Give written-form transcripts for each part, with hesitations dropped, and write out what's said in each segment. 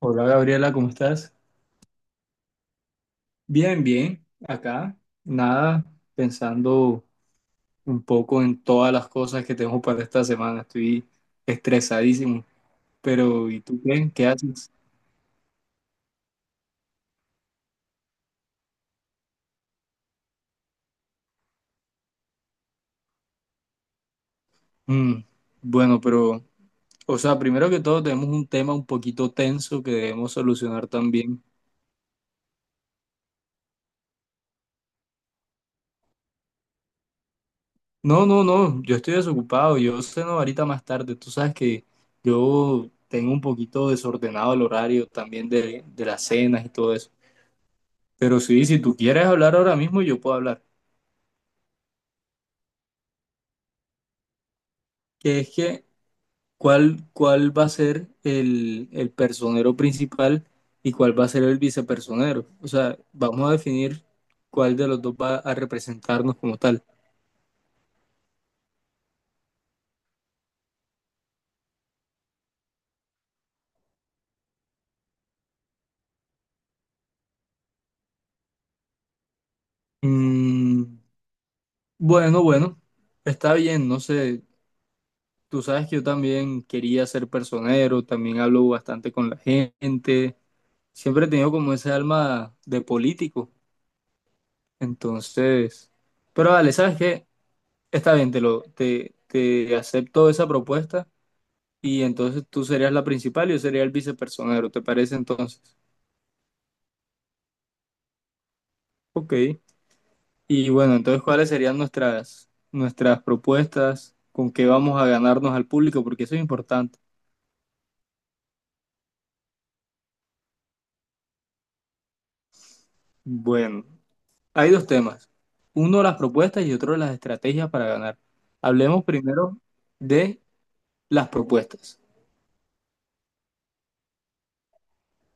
Hola Gabriela, ¿cómo estás? Bien, bien, acá, nada, pensando un poco en todas las cosas que tengo para esta semana, estoy estresadísimo, pero ¿y tú qué? ¿Qué haces? Mm, bueno, pero, o sea, primero que todo tenemos un tema un poquito tenso que debemos solucionar también. No, no, no, yo estoy desocupado, yo ceno ahorita más tarde, tú sabes que yo tengo un poquito desordenado el horario también de las cenas y todo eso. Pero sí, si tú quieres hablar ahora mismo, yo puedo hablar. Que es que, ¿cuál va a ser el personero principal y cuál va a ser el vicepersonero? O sea, vamos a definir cuál de los dos va a representarnos como tal. Mm, bueno, bueno, está bien, no sé. Tú sabes que yo también quería ser personero, también hablo bastante con la gente. Siempre he tenido como ese alma de político. Entonces, pero vale, ¿sabes qué? Está bien, te acepto esa propuesta y entonces tú serías la principal y yo sería el vicepersonero, ¿te parece entonces? Ok. Y bueno, entonces, ¿cuáles serían nuestras propuestas? ¿Con qué vamos a ganarnos al público? Porque eso es importante. Bueno, hay dos temas. Uno, las propuestas y otro, las estrategias para ganar. Hablemos primero de las propuestas.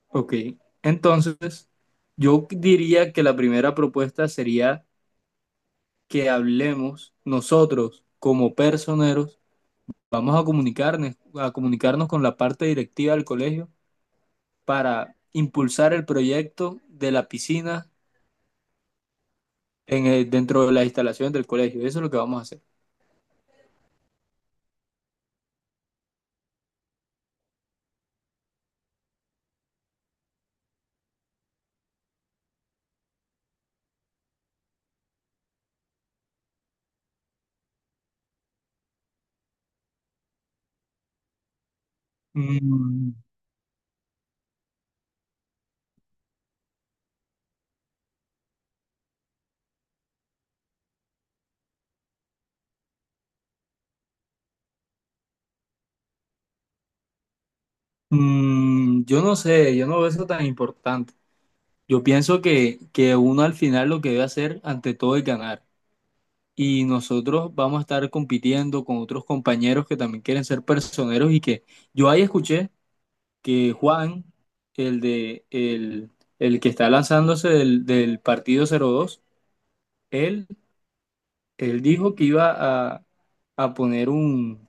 Ok. Entonces, yo diría que la primera propuesta sería que hablemos nosotros como personeros, vamos a comunicarnos con la parte directiva del colegio para impulsar el proyecto de la piscina dentro de las instalaciones del colegio. Eso es lo que vamos a hacer. Mm, yo no sé, yo no veo eso tan importante. Yo pienso que uno al final lo que debe hacer ante todo es ganar. Y nosotros vamos a estar compitiendo con otros compañeros que también quieren ser personeros y que yo ahí escuché que Juan, el de el, el que está lanzándose del partido 02, él, él dijo que iba a, a poner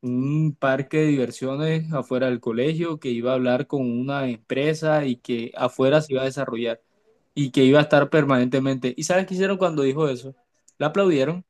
un parque de diversiones afuera del colegio, que iba a hablar con una empresa y que afuera se iba a desarrollar y que iba a estar permanentemente. ¿Y sabes qué hicieron cuando dijo eso? La aplaudieron.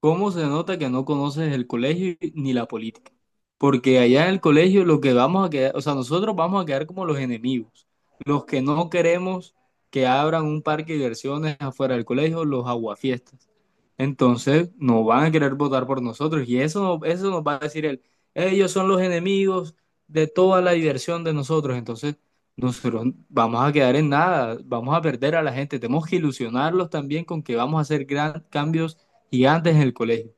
¿Cómo se nota que no conoces el colegio ni la política? Porque allá en el colegio lo que vamos a quedar, o sea, nosotros vamos a quedar como los enemigos, los que no queremos que abran un parque de diversiones afuera del colegio, los aguafiestas. Entonces, no van a querer votar por nosotros y eso, no- eso nos va a decir él, ellos son los enemigos de toda la diversión de nosotros. Entonces, nosotros vamos a quedar en nada, vamos a perder a la gente, tenemos que ilusionarlos también con que vamos a hacer cambios gigantes en el colegio.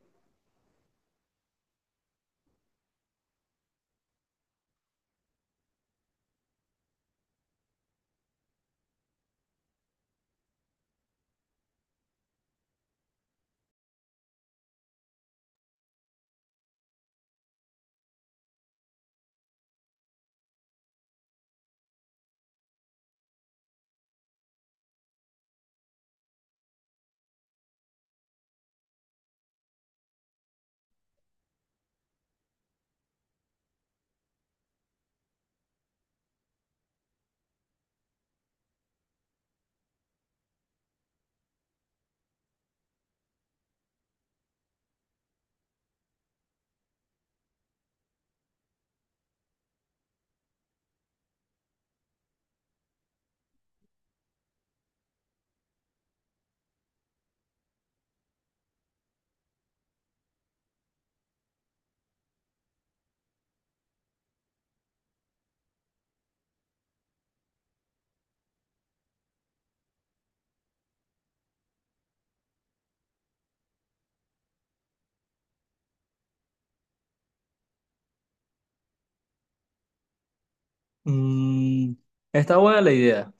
Mm, está buena la idea,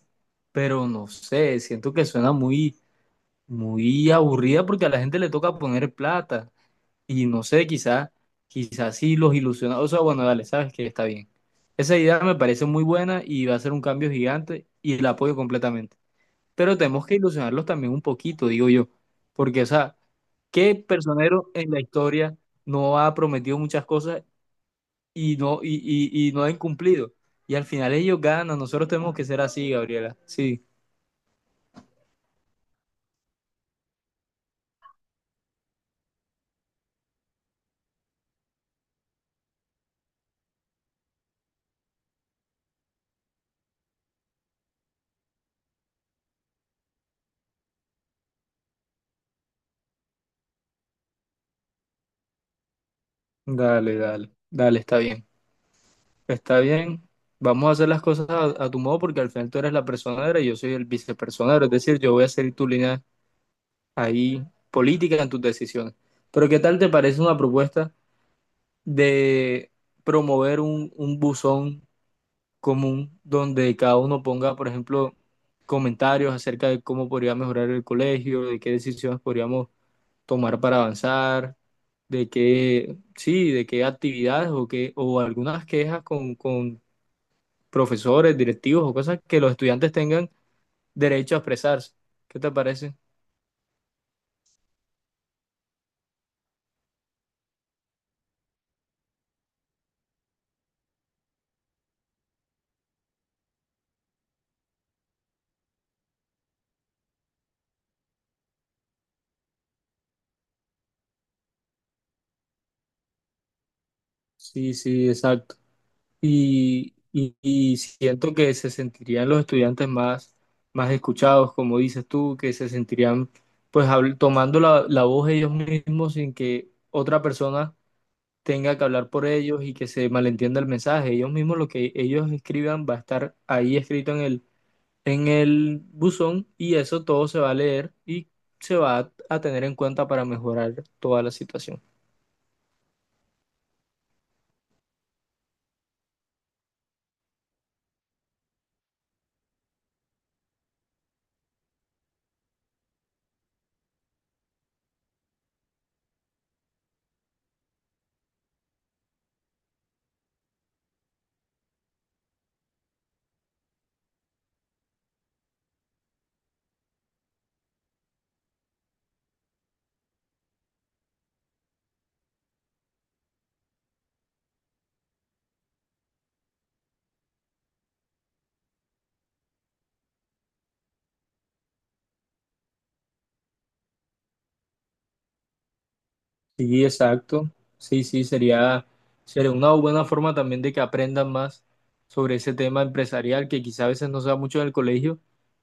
pero no sé, siento que suena muy aburrida porque a la gente le toca poner plata y no sé, quizás, quizás sí los ilusiona. O sea, bueno, dale, sabes que está bien. Esa idea me parece muy buena y va a ser un cambio gigante y la apoyo completamente. Pero tenemos que ilusionarlos también un poquito, digo yo, porque, o sea, ¿qué personero en la historia no ha prometido muchas cosas y y no han cumplido? Y al final ellos ganan, nosotros tenemos que ser así, Gabriela. Sí, dale, dale, dale, está bien. Está bien, vamos a hacer las cosas a tu modo porque al final tú eres la personera y yo soy el vicepersonero, es decir, yo voy a seguir tu línea ahí política en tus decisiones. Pero ¿qué tal te parece una propuesta de promover un buzón común donde cada uno ponga, por ejemplo, comentarios acerca de cómo podría mejorar el colegio, de qué decisiones podríamos tomar para avanzar, de qué actividades o algunas quejas con profesores, directivos o cosas que los estudiantes tengan derecho a expresarse. ¿Qué te parece? Sí, sí, exacto. Y siento que se sentirían los estudiantes más escuchados, como dices tú, que se sentirían tomando la voz ellos mismos sin que otra persona tenga que hablar por ellos y que se malentienda el mensaje. Ellos mismos lo que ellos escriban va a estar ahí escrito en el buzón y eso todo se va a leer y se va a tener en cuenta para mejorar toda la situación. Sí, exacto. Sí, sí, sería, sería una buena forma también de que aprendan más sobre ese tema empresarial que quizá a veces no se da mucho en el colegio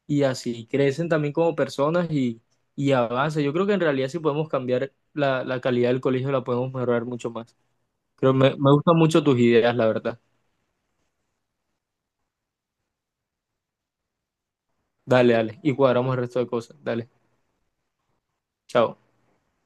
y así crecen también como personas y avanzan. Yo creo que en realidad si podemos cambiar la calidad del colegio, la podemos mejorar mucho más. Pero me gustan mucho tus ideas, la verdad. Dale, dale. Y cuadramos el resto de cosas. Dale. Chao.